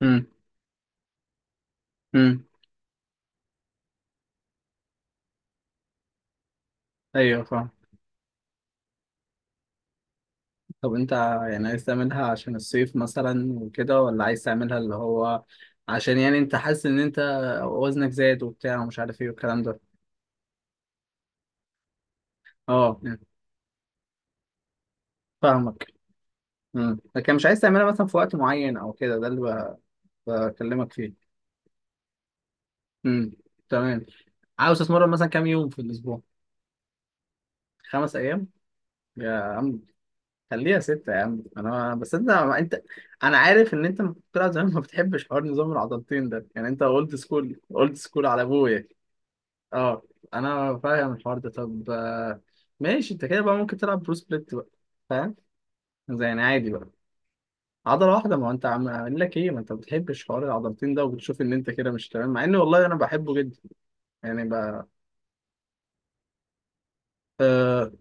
امم. امم. ايوه، فاهم. طب انت يعني عايز تعملها عشان الصيف مثلا وكده، ولا عايز تعملها اللي هو عشان يعني انت حاسس ان انت وزنك زاد وبتاع ومش عارف ايه والكلام ده. اه، يعني فاهمك. لكن مش عايز تعملها مثلا في وقت معين او كده، ده اللي بكلمك فيه. امم. تمام. عاوز تتمرن مثلا كام يوم في الاسبوع؟ 5 ايام يا عم. خليها 6 يا عم، انا بصدق. ما انت انا عارف ان انت لما كنت طلع زمان ما بتحبش حوار نظام العضلتين ده، يعني انت اولد سكول، اولد سكول على ابويا. اه، انا فاهم الحوار ده. طب ماشي، انت كده بقى ممكن تلعب برو سبليت بقى، فاهم؟ زي يعني عادي بقى. عضلة واحدة، ما هو انت عم اقول لك ايه، ما انت ما بتحبش حوار العضلتين ده، وبتشوف ان انت كده مش تمام، مع ان والله انا بحبه جدا يعني بقى. آه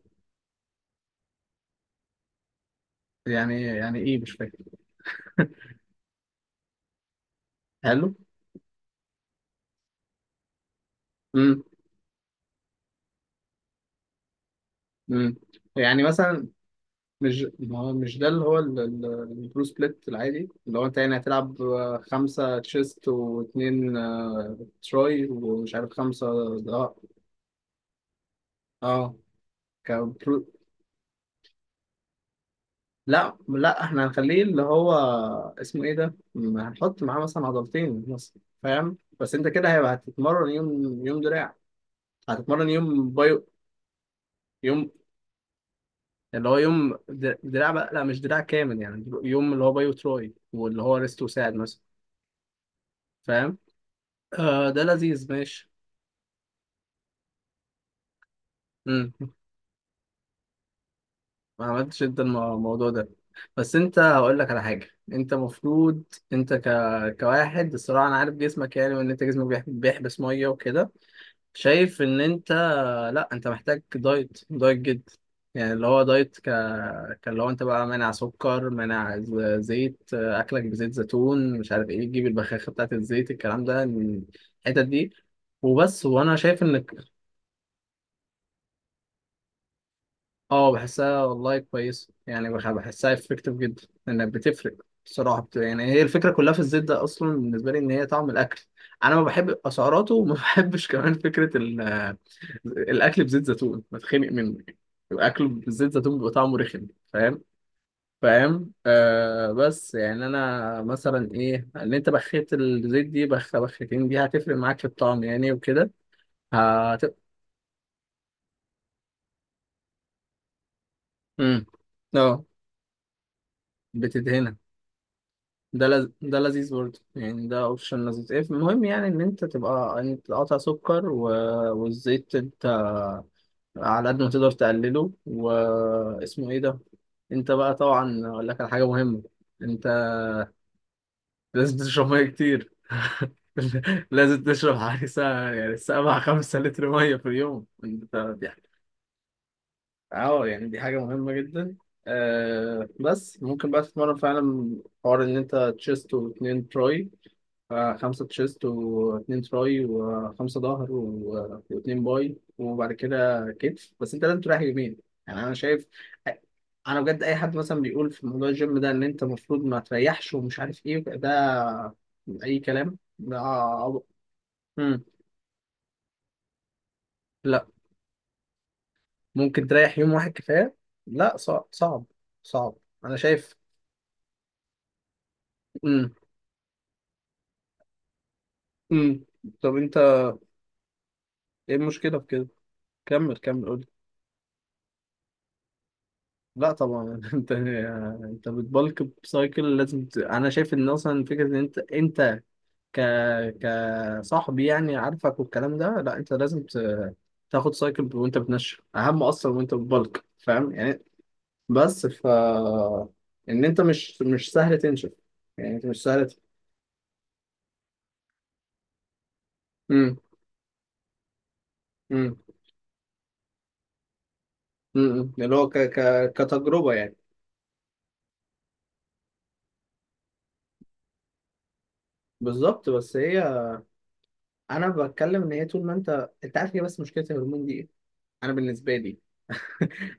يعني ايه، مش فاكر. حلو. امم. امم. يعني مثلا، مش ما هو مش ده اللي هو البرو سبليت العادي، اللي هو انت يعني هتلعب خمسة تشيست واتنين تراي، ومش عارف خمسة. اه. اه كبرو. لا، لا، احنا هنخليه اللي هو، اسمه ايه ده، هنحط معاه مثلا عضلتين مثلا، فاهم؟ بس انت كده هيبقى هتتمرن يوم دراع. هتتمرن يوم بايو، يوم اللي هو يوم دراع بقى، لا مش دراع كامل، يعني يوم اللي هو بايو تراي، واللي هو ريست وساعد مثلا. فاهم. آه، ده لذيذ، ماشي. امم ما عملتش انت الموضوع ده. بس انت هقول لك على حاجه، انت المفروض انت كواحد، الصراحه انا عارف جسمك يعني، وان انت جسمك بيحبس ميه وكده. شايف ان انت، لا، انت محتاج دايت، دايت جدا. يعني اللي هو دايت كاللي هو انت بقى مانع سكر، مانع زيت، اكلك بزيت زيتون، مش عارف ايه، تجيب البخاخه بتاعت الزيت، الكلام ده، الحتت دي. وبس، وانا شايف ان، اه، بحسها والله كويسة، يعني بحسها افكتيف جدا، لانها بتفرق. بصراحة يعني هي الفكرة كلها في الزيت ده اصلا بالنسبة لي، ان هي طعم الاكل. انا ما بحب اسعاراته، وما بحبش كمان فكرة الاكل بزيت زيتون، بتخنق منه يعني. الاكل بزيت زيتون بيبقى طعمه رخم. فاهم. فاهم. بس يعني انا مثلا ايه، ان انت بخيت الزيت دي بخ بخيتين دي هتفرق معاك في الطعم يعني وكده. هت امم. اه، بتدهنها. ده لذيذ برضه يعني، ده اوبشن لذيذ. إيه، المهم يعني ان انت تبقى انت تقطع سكر والزيت انت على قد ما تقدر تقلله، واسمه ايه ده. انت بقى طبعا اقول لك على حاجه مهمه، انت لازم تشرب ميه كتير. لازم تشرب حوالي ساعة، يعني سبعة، 5 لتر مية في اليوم، انت دي حاجة. اه، يعني دي حاجة مهمة جدا. آه، بس ممكن بقى تتمرن فعلا، حوار ان انت تشيست واتنين تراي، خمسة تشيست واتنين تراي، وخمسة ظهر، واتنين باي، وبعد كده كتف، بس انت لازم تريح يومين. يعني انا شايف، انا بجد اي حد مثلا بيقول في موضوع الجيم ده ان انت المفروض ما تريحش ومش عارف ايه، ده اي كلام، ده عبط. مم. لا، ممكن تريح يوم واحد كفاية، لا، صعب، صعب، صعب. انا شايف. مم. مم. طب انت، ايه المشكلة في كده؟ كمل، كمل، قول. لا طبعا. انت بتبلك بسايكل، لازم انا شايف ان اصلا فكره ان انت، انت ك كصاحب يعني عارفك، والكلام ده، لا، انت لازم تاخد سايكل وانت بتنشف، اهم اصلا وانت بتبلك، فاهم يعني. بس ف ان انت مش سهل تنشف، يعني انت مش سهل امم. امم. امم. اللي هو كتجربه يعني. بالظبط، بس هي انا بتكلم ان هي طول ما انت، انت عارف، هي بس مشكله الهرمون دي ايه، انا بالنسبه لي،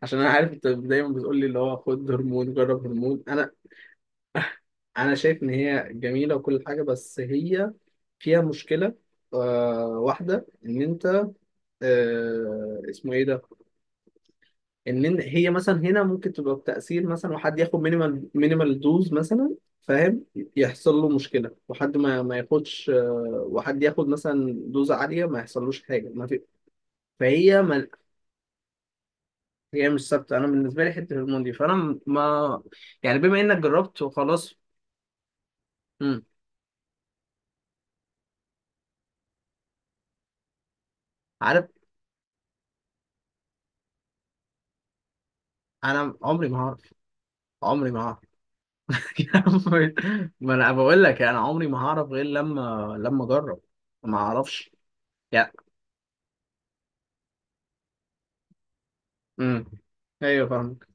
عشان انا عارف انت دايما بتقول لي اللي هو خد هرمون، جرب هرمون، انا، انا شايف ان هي جميله وكل حاجه، بس هي فيها مشكله. واحده ان انت، اسمه ايه ده، ان هي مثلا هنا ممكن تبقى بتاثير، مثلا وحد ياخد مينيمال، مينيمال دوز مثلا، فاهم، يحصل له مشكله، وحد ما ياخدش، وحد ياخد مثلا دوز عاليه ما يحصلوش حاجه، ما في، فهي ما هي مش ثابته. انا بالنسبه لي حته الهرمون دي، فانا ما يعني بما انك جربت وخلاص. امم، عارف. انا عمري ما هعرف، عمري ما هعرف. يا عم، ما انا بقول لك، انا عمري ما هعرف غير لما اجرب، ما اعرفش يعني. امم. ايوه فاهمك.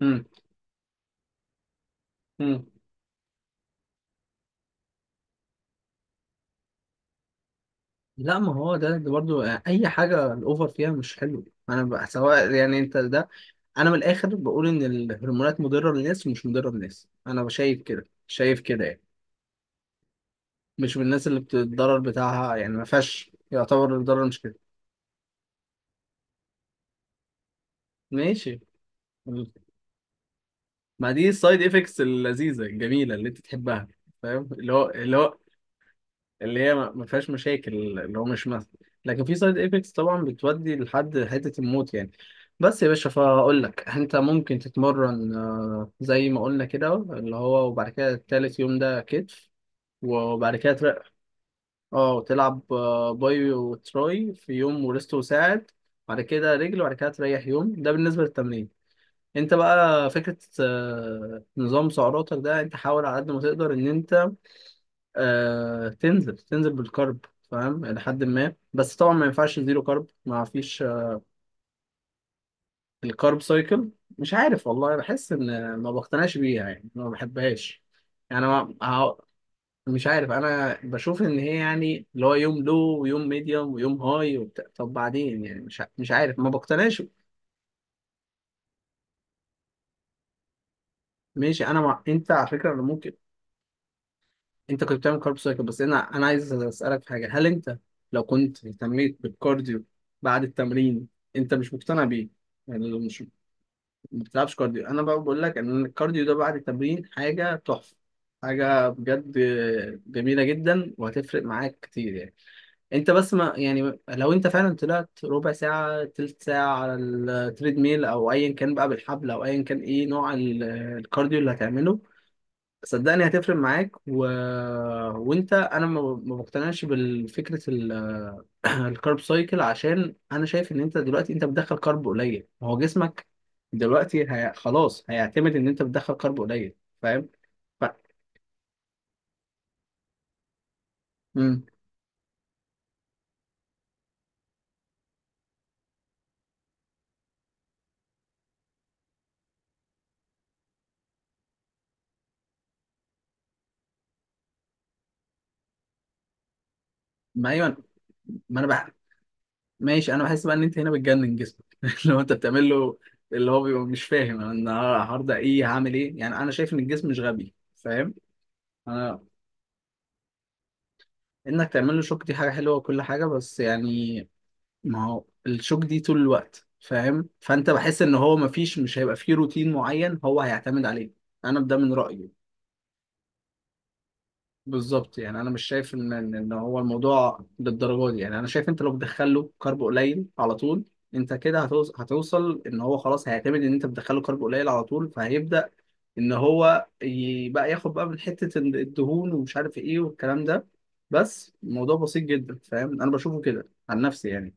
امم. امم. لا، ما هو ده برضو اي حاجه الاوفر فيها مش حلو. انا بقى سواء يعني انت ده، انا من الاخر بقول ان الهرمونات مضره للناس ومش مضره للناس، انا شايف كده، شايف كده يعني. مش من الناس اللي بتتضرر بتاعها، يعني ما فيهاش، يعتبر الضرر مش كده. ماشي. ما دي السايد افكتس اللذيذه الجميله اللي انت تحبها، فاهم، اللي هو، اللي هي ما فيهاش مشاكل، اللي هو مش مثل. لكن في سايد افكتس طبعا بتودي لحد حته الموت يعني. بس يا باشا، فاقول لك انت ممكن تتمرن، زي ما قلنا كده، اللي هو، وبعد كده التالت يوم ده كتف، وبعد كده اه، وتلعب باي وتراي في يوم، وريست وساعد، بعد كده رجل، وبعد كده تريح يوم، ده بالنسبه للتمرين. انت بقى فكرة نظام سعراتك ده، انت حاول على قد ما تقدر ان انت تنزل بالكرب، فاهم، لحد ما، بس طبعا ما ينفعش زيرو كرب، ما فيش. الكارب سايكل، مش عارف والله، بحس ان ما بقتنعش بيها يعني، ما بحبهاش. يعني ما ه- مش عارف، انا بشوف ان هي، يعني اللي هو يوم لو، ويوم ميديوم، ويوم هاي وبتاع، طب بعدين يعني مش عارف، ما بقتنعش. ماشي، انا انت على فكرة، أنا ممكن، انت كنت بتعمل كارب سايكل، بس انا عايز اسالك في حاجه، هل انت لو كنت اهتميت بالكارديو بعد التمرين، انت مش مقتنع بيه؟ يعني لو مش، ما بتلعبش كارديو، انا بقى بقول لك ان الكارديو ده بعد التمرين حاجه تحفه، حاجه بجد جميله جدا، وهتفرق معاك كتير يعني. انت بس ما يعني، لو انت فعلا طلعت ربع ساعه، تلت ساعه، على التريد ميل او ايا كان بقى، بالحبل او ايا كان ايه نوع الكارديو اللي هتعمله، صدقني هتفرق معاك وانت انا ما بقتنعش بالفكره الكارب سايكل، عشان انا شايف ان انت دلوقتي، انت بتدخل كارب قليل، ما هو جسمك دلوقتي خلاص هيعتمد ان انت بتدخل كارب قليل، فاهم. ف... مم. ما ايوه، ما انا ماشي، انا بحس بقى ان انت هنا بتجنن جسمك. لو انت بتعمل له اللي هو، بيبقى مش فاهم انا النهارده ايه، هعمل ايه يعني، انا شايف ان الجسم مش غبي، فاهم؟ انا، انك تعمل له شوك دي حاجه حلوه وكل حاجه، بس يعني ما هو الشوك دي طول الوقت، فاهم؟ فانت بحس ان هو، مفيش، مش هيبقى فيه روتين معين هو هيعتمد عليه، انا ده من رأيي. بالظبط، يعني انا مش شايف ان ان إن هو الموضوع للدرجه دي، يعني انا شايف انت لو بتدخله كارب قليل على طول، انت كده هتوصل ان هو خلاص هيعتمد ان انت بتدخله كارب قليل على طول، فهيبدأ ان هو بقى ياخد بقى من حتة الدهون، ومش عارف ايه والكلام ده، بس الموضوع بسيط جدا، فاهم، انا بشوفه كده عن نفسي يعني.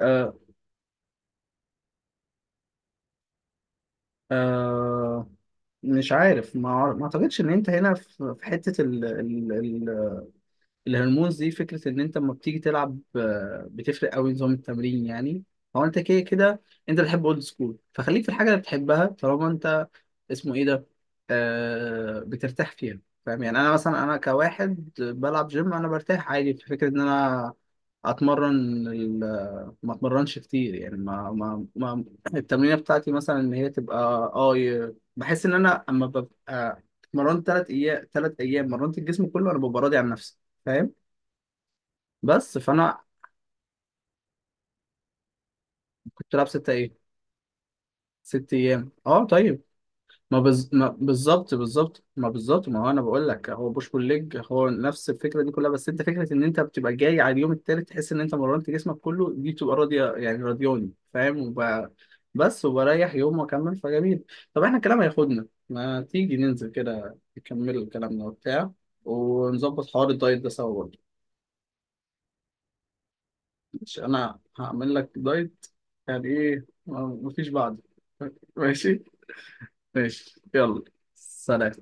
آه، آه مش عارف، ما اعتقدش ان انت هنا، في حتة الهرمونز دي، فكرة إن أنت لما بتيجي تلعب بتفرق أوي نظام التمرين يعني. هو أنت كده كده، أنت بتحب أولد سكول، فخليك في الحاجة اللي بتحبها، طالما أنت، اسمه إيه ده، بترتاح فيها، فاهم يعني؟ أنا مثلا، أنا كواحد بلعب جيم، أنا برتاح عادي في فكرة إن أنا أتمرن، ما أتمرنش كتير يعني، ما ما, ما التمرينة بتاعتي مثلا إن هي تبقى، بحس إن أنا أما ببقى اتمرنت 3 أيام، 3 أيام مرنت الجسم كله، أنا ببقى راضي عن نفسي، فاهم. بس فانا. كنت لابس 6 ايه؟ 6 ايام، اه طيب. ما بالظبط، بالظبط، ما بالظبط، ما هو انا بقول لك هو بوش بول ليج هو نفس الفكره دي كلها، بس انت فكره ان انت بتبقى جاي على اليوم التالت تحس ان انت مرنت جسمك كله دي بتبقى راضيه يعني، راضياني، فاهم، بس وبريح يوم واكمل، فجميل. طب احنا الكلام هياخدنا، ما تيجي ننزل كده نكمل كلامنا وبتاع، ونظبط حوار الدايت ده سوا برضه. مش انا هعمل لك دايت، يعني ايه مفيش بعد. ماشي. ماشي يلا، سلام.